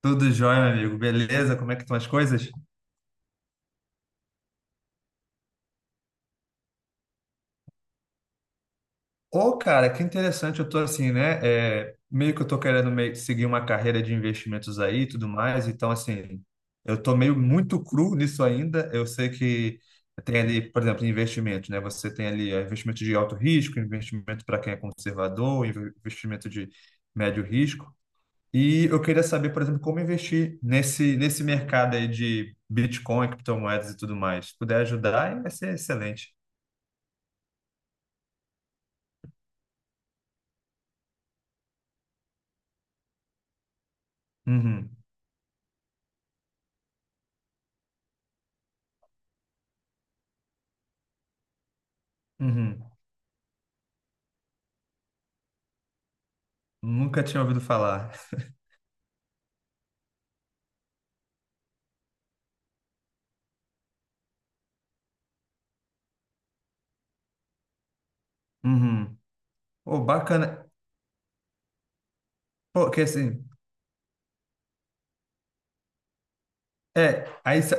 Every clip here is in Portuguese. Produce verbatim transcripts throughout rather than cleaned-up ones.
Tudo jóia, meu amigo. Beleza? Como é que estão as coisas? Ô, cara, que interessante. Eu tô assim, né? é, meio que eu tô querendo meio que seguir uma carreira de investimentos aí e tudo mais. Então, assim, eu tô meio muito cru nisso ainda. Eu sei que tem ali, por exemplo, investimento, né? Você tem ali é, investimento de alto risco, investimento para quem é conservador, inve- investimento de médio risco. E eu queria saber, por exemplo, como investir nesse, nesse mercado aí de Bitcoin, criptomoedas e tudo mais. Se puder ajudar, vai ser excelente. Uhum, uhum. Nunca tinha ouvido falar. Uhum. Ô, bacana. Pô, que assim, é, aí sa-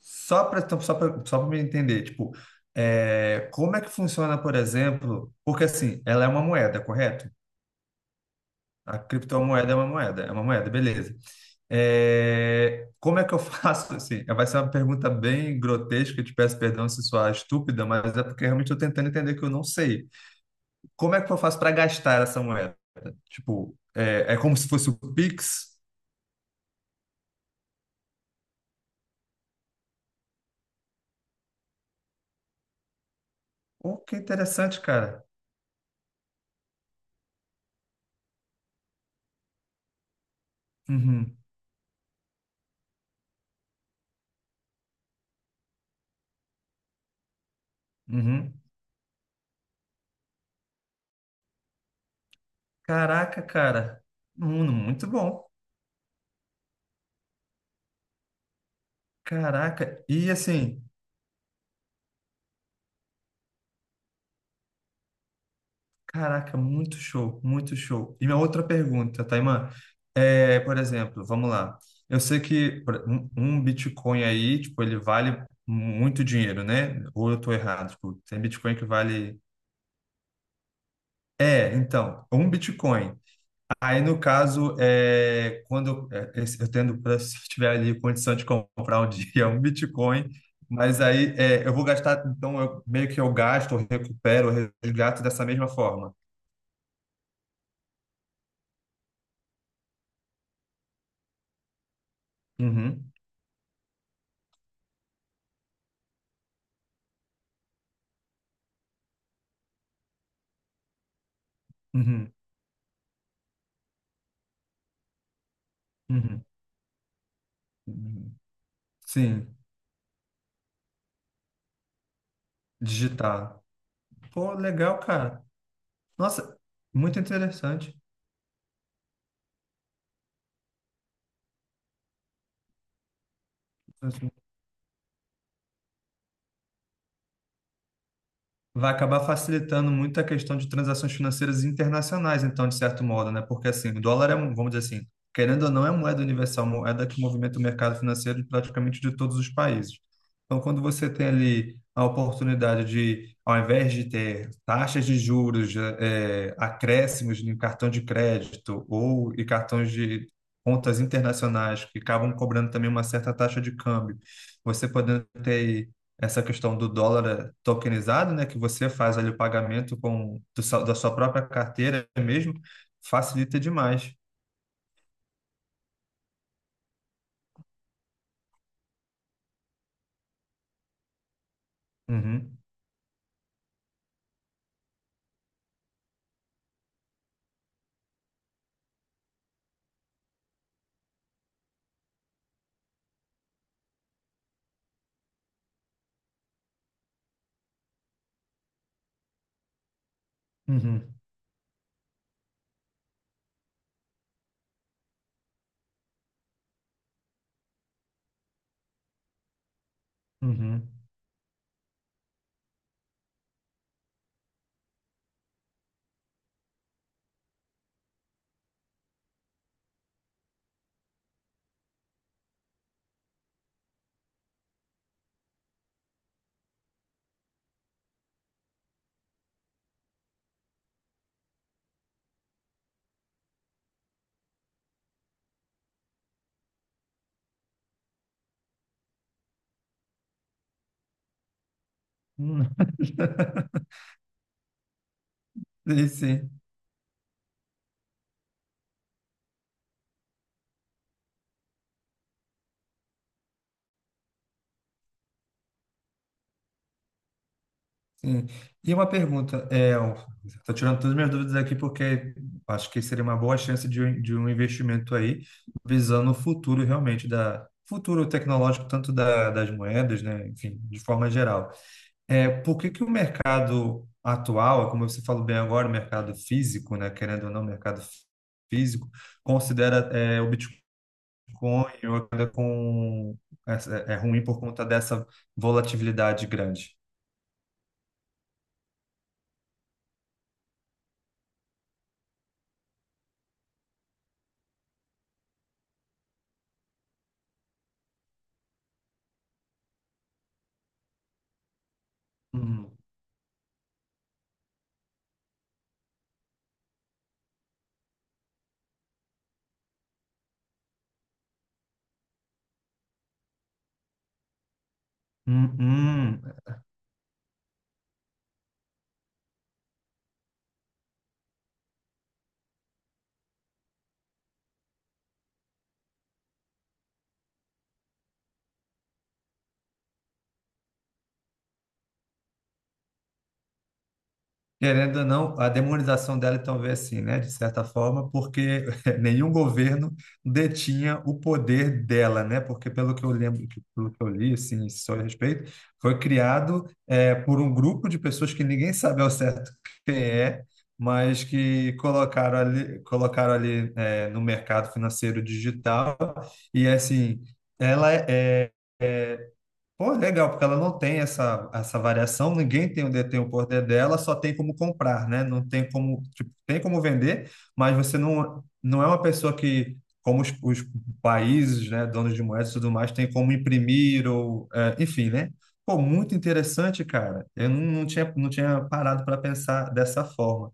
só para só para só para me entender, tipo, é, como é que funciona, por exemplo, porque assim, ela é uma moeda, correto? A criptomoeda é uma moeda, é uma moeda, beleza. É, como é que eu faço assim? É, vai ser uma pergunta bem grotesca, eu te peço perdão se soar estúpida, mas é porque realmente estou tentando entender que eu não sei. Como é que eu faço para gastar essa moeda? Tipo, é, é como se fosse o Pix. Oh, que interessante, cara. Uhum, uhum. Caraca, cara. Hum, muito bom. Caraca. E assim, caraca, muito show, muito show. E minha outra pergunta, Taimã, é, por exemplo, vamos lá. Eu sei que por- um um Bitcoin aí, tipo, ele vale muito dinheiro, né? Ou eu tô errado? Tipo, tem Bitcoin que vale. É, então, um Bitcoin. Aí, no caso, é, quando é, esse- eu tendo, pra- se eu tiver ali condição de comprar um dia um Bitcoin, mas aí é, eu vou gastar, então eu, meio que eu gasto, eu recupero, eu resgato dessa mesma forma. Uhum, uhum, uhum, uhum. Sim, digitar. Pô, legal, cara. Nossa, muito interessante. Vai acabar facilitando muito a questão de transações financeiras internacionais, então, de certo modo, né? Porque, assim, o dólar é, um- vamos dizer assim, querendo ou não, é moeda universal, moeda que movimenta o mercado financeiro de praticamente de todos os países. Então, quando você tem ali a oportunidade de, ao invés de ter taxas de juros, eh, eh, acréscimos em cartão de crédito ou e cartões de contas internacionais que acabam cobrando também uma certa taxa de câmbio, você podendo ter essa questão do dólar tokenizado, né, que você faz ali o pagamento com do, seu- da sua própria carteira mesmo, facilita demais. Uhum, uhum, uhum. Hum. Sim, sim. Sim. E uma pergunta, é, estou tirando todas as minhas dúvidas aqui porque acho que seria uma boa chance de, um- de um investimento aí, visando o futuro realmente da futuro tecnológico, tanto da, das moedas, né, enfim, de forma geral. É, por que que o mercado atual, como você falou bem agora, o mercado físico, né, querendo ou não, o mercado físico, considera é, o Bitcoin ou moeda com, é, é ruim por conta dessa volatilidade grande? Hum, hum, hum. Querendo ou não, a demonização dela então veio assim, né? De certa forma, porque nenhum governo detinha o poder dela, né? Porque pelo que eu lembro, que- pelo que eu li, assim, só a respeito, foi criado eh, por um grupo de pessoas que ninguém sabe ao certo quem é, mas que colocaram ali, colocaram ali eh, no mercado financeiro digital e assim, ela é é, pô, legal, porque ela não tem essa, essa variação, ninguém tem o, de- tem o poder dela, só tem como comprar, né? Não tem como, tipo, tem como vender, mas você não, não é uma pessoa que, como os, os países, né, donos de moedas e tudo mais, tem como imprimir ou, é, enfim, né? Pô, muito interessante, cara. Eu não, não tinha, não tinha parado para pensar dessa forma.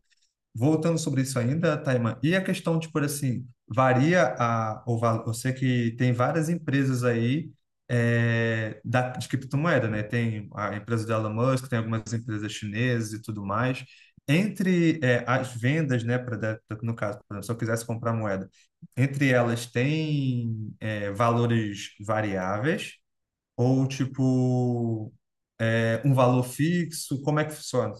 Voltando sobre isso ainda, Taima, e a questão, tipo assim, varia a, o valor, eu sei que tem várias empresas aí é, da, de criptomoeda, né? Tem a empresa do Elon Musk, tem algumas empresas chinesas e tudo mais. Entre é, as vendas, né, pra, da- no caso, por exemplo, se eu quisesse comprar moeda, entre elas tem é, valores variáveis ou, tipo, é, um valor fixo? Como é que funciona?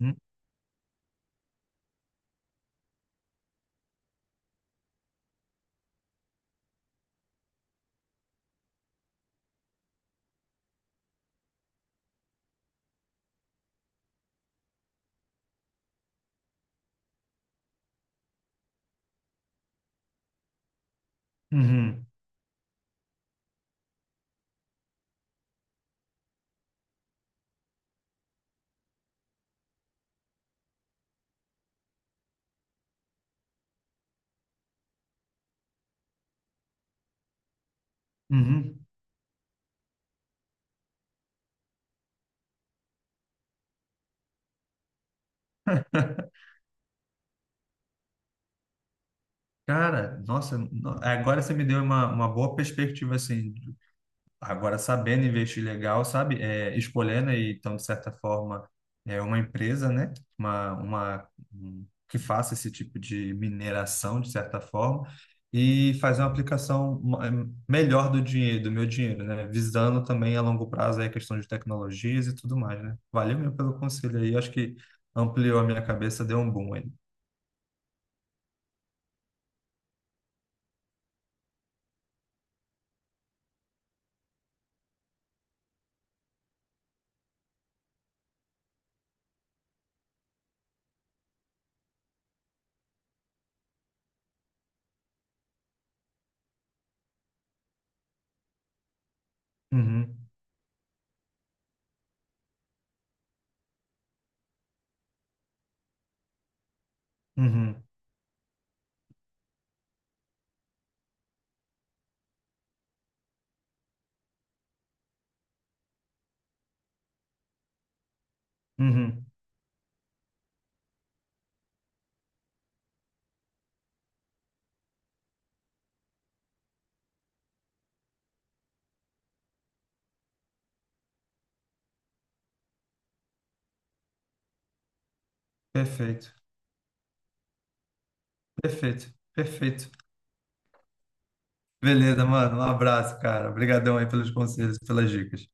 Hum? Uhum, uhum. Cara, nossa, no- agora você me deu uma, uma boa perspectiva, assim, agora sabendo investir legal, sabe? É, escolhendo aí, então, de certa forma, é uma empresa, né? Uma, uma, um- que faça esse tipo de mineração, de certa forma, e fazer uma aplicação ma- é, melhor do dinheiro, do meu dinheiro, né? Visando também a longo prazo aí a questão de tecnologias e tudo mais, né? Valeu mesmo pelo conselho aí, acho que ampliou a minha cabeça, deu um boom aí. Uhum, uhum, uhum. Perfeito. Perfeito, perfeito. Beleza, mano. Um abraço, cara. Obrigadão aí pelos conselhos, pelas dicas.